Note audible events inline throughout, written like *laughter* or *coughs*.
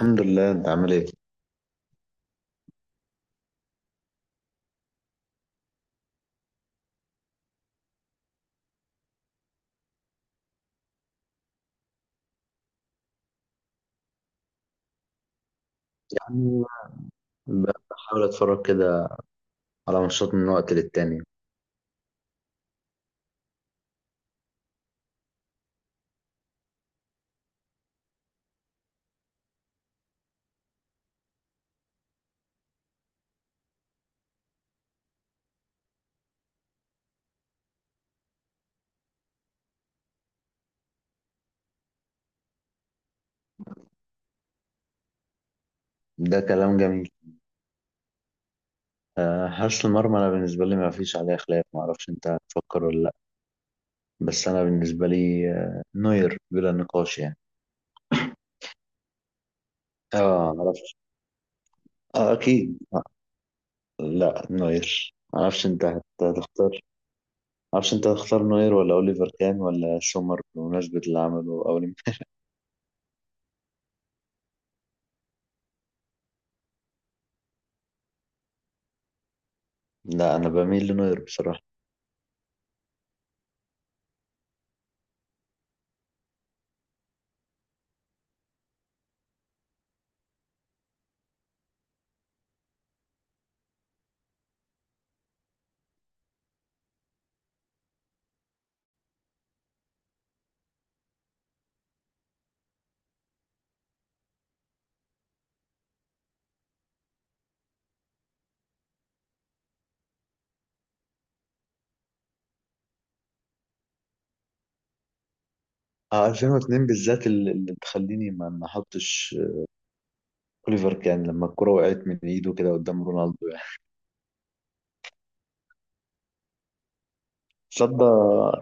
الحمد لله، انت عامل ايه؟ يعني بحاول اتفرج كده على ماتشات من وقت للتاني. ده كلام جميل. حارس المرمى انا بالنسبه لي ما فيش عليه خلاف. ما اعرفش انت هتفكر ولا لا. بس انا بالنسبه لي نوير بلا نقاش يعني. اه، معرفش. اه اكيد. لا، نوير معرفش انت هتختار. معرفش انت هتختار نوير ولا اوليفر كان ولا سومر بمناسبه اللي عمله اول. لا، انا بميل لنوير بصراحه. اه، 2002 بالذات اللي تخليني ما احطش اوليفر كان، لما الكرة وقعت من ايده كده قدام رونالدو يعني. صدى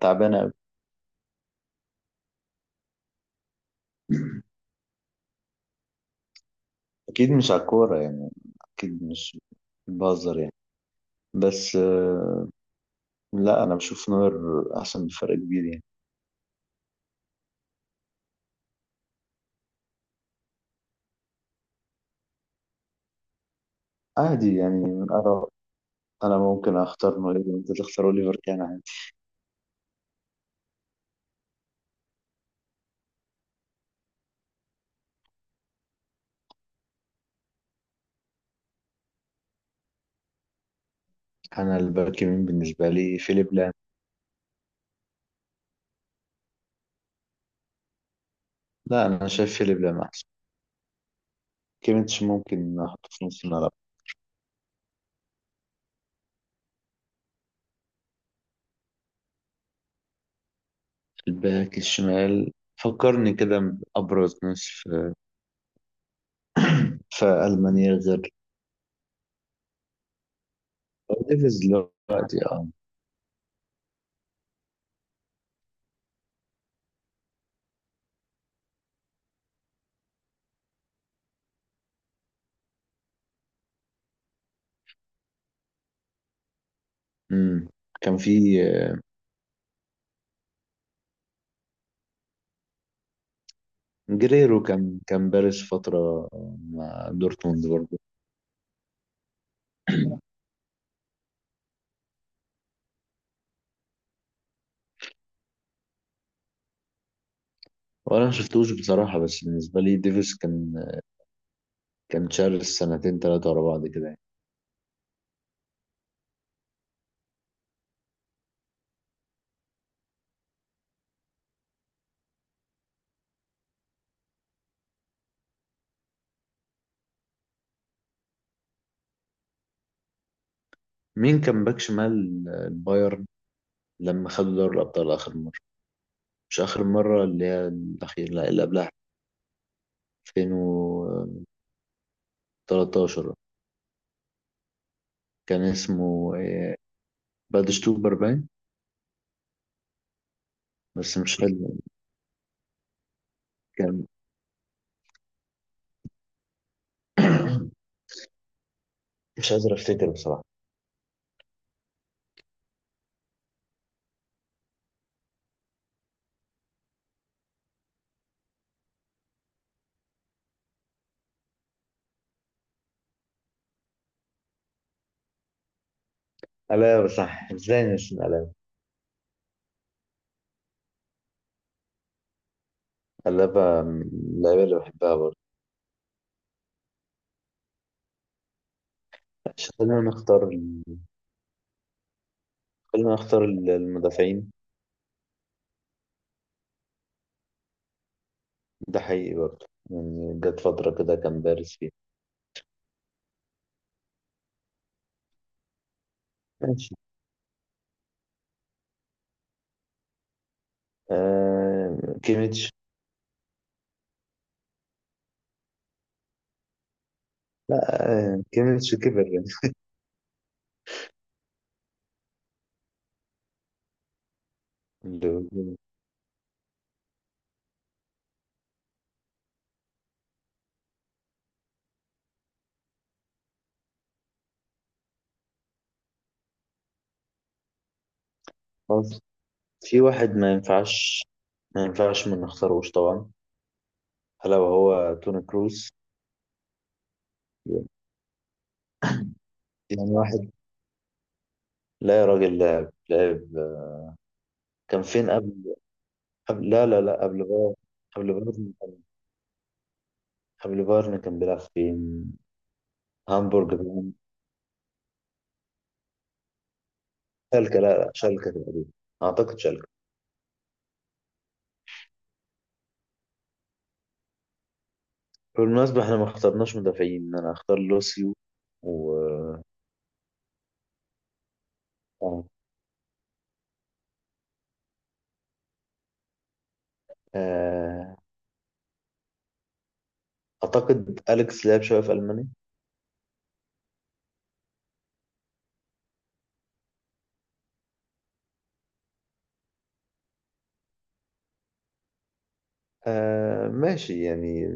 تعبانة أوي. اكيد مش على الكورة يعني، اكيد مش، بهزر يعني. بس لا انا بشوف نوير احسن بفرق كبير يعني. عادي يعني. انا انا ممكن اختار نوير وانت تختار اوليفر كان، عادي. انا الباك يمين بالنسبة لي فيليب لام. لا، انا شايف فيليب لام احسن. كيميتش ممكن احطه في نص الملعب. الباك الشمال فكرني كده بأبرز ناس في في ألمانيا غير ديفيز دلوقتي، اه. امم كان في جريرو، كان بارز فترة مع دورتموند برضه. وانا ما شفتوش بصراحة، بس بالنسبة لي ديفيس كان شارس سنتين ثلاثة ورا بعض كده يعني. مين كان باك شمال البايرن لما خدوا دوري الأبطال آخر مرة؟ مش آخر مرة اللي هي الأخير، لا اللي قبلها. 2013. كان اسمه إيه، بادشتوبر باين؟ بس مش فاكر. كان *coughs* *clears throat* مش قادر افتكر بصراحة. ألا صح، ازاي نسينا؟ اللعبة من اللعيبة اللي بحبها برضه. عشان خلينا نختار المدافعين. ده حقيقي برضه، يعني جت فترة كده كان دارس فيها. ماشي. كيميتش. لا، كيميتش كبر يعني. اللي- خلاص. في واحد ما ينفعش، ما نختاروش طبعا، ألا وهو توني كروس. يعني واحد، لا يا راجل، لعب لعب. كان فين قبل، قبل، لا لا لا، قبل بايرن. قبل بايرن، كان بيلعب فين؟ هامبورج بقى. شالكة، لا لا، شالكة تقريبا، أعتقد شالكة. بالمناسبة احنا ما اخترناش مدافعين. أنا اختار لوسيو و آه. آه، أعتقد أليكس لعب شوية في ألمانيا. ماشي يعني،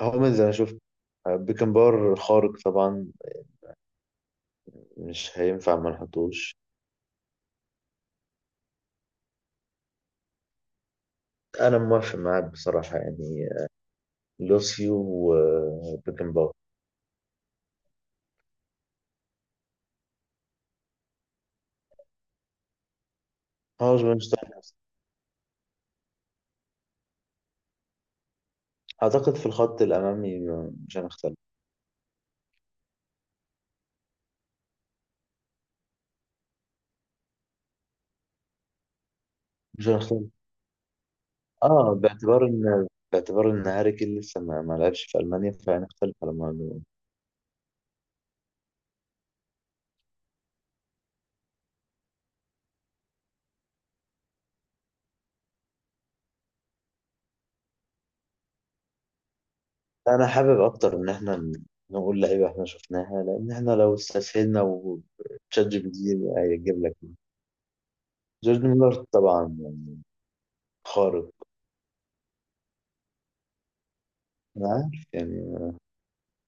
هو من زي ما شفت. بيكنبار خارق طبعا، مش هينفع ما نحطوش. أنا موافق معاك بصراحة يعني. لوسيو وبيكنبار. هاوز شتاينر. أعتقد في الخط الأمامي مش هنختلف. مش هنختلف. اه، باعتبار ان هاري كين لسه ما لعبش في المانيا، فهنختلف على الموضوع. انا حابب اكتر ان احنا نقول لعيبه احنا شفناها، لان احنا لو استسهلنا وتشات جي بي تي هيجيب لك جوردن ميلر طبعا يعني. خارق، انا عارف يعني.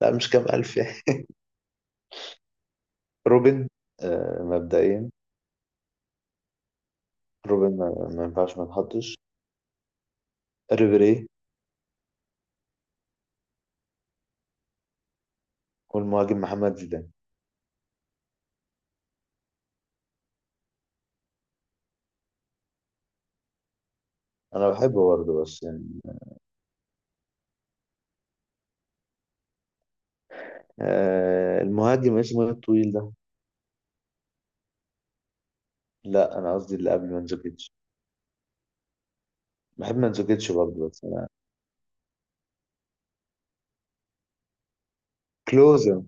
لا، مش كام الف يعني. *laughs* روبن، مبدئيا روبن ما ينفعش ما نحطش، ريبيري. والمهاجم محمد زيدان. انا بحبه برضه بس يعني. المهاجم اسمه ايه الطويل ده؟ لا، انا قصدي اللي قبل منزوكيتش. بحب منزوكيتش برضه بس انا. كلوزا.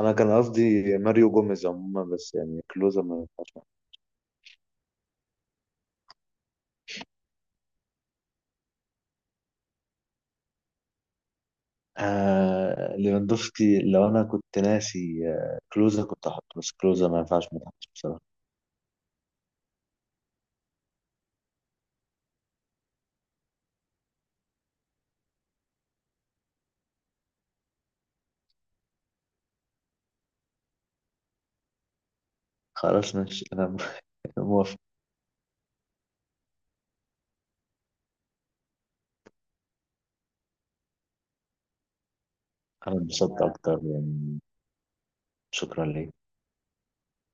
انا كان قصدي ماريو جوميز عموما، بس يعني كلوزا ما ينفعش معاه. ليفاندوفسكي، لو انا كنت ناسي كلوزا كنت احطه، بس كلوزا ما ينفعش ما تحطش بصراحه. خلاص ماشي، انا *laughs* موافق. انا انبسطت اكتر يعني. شكرا ليك.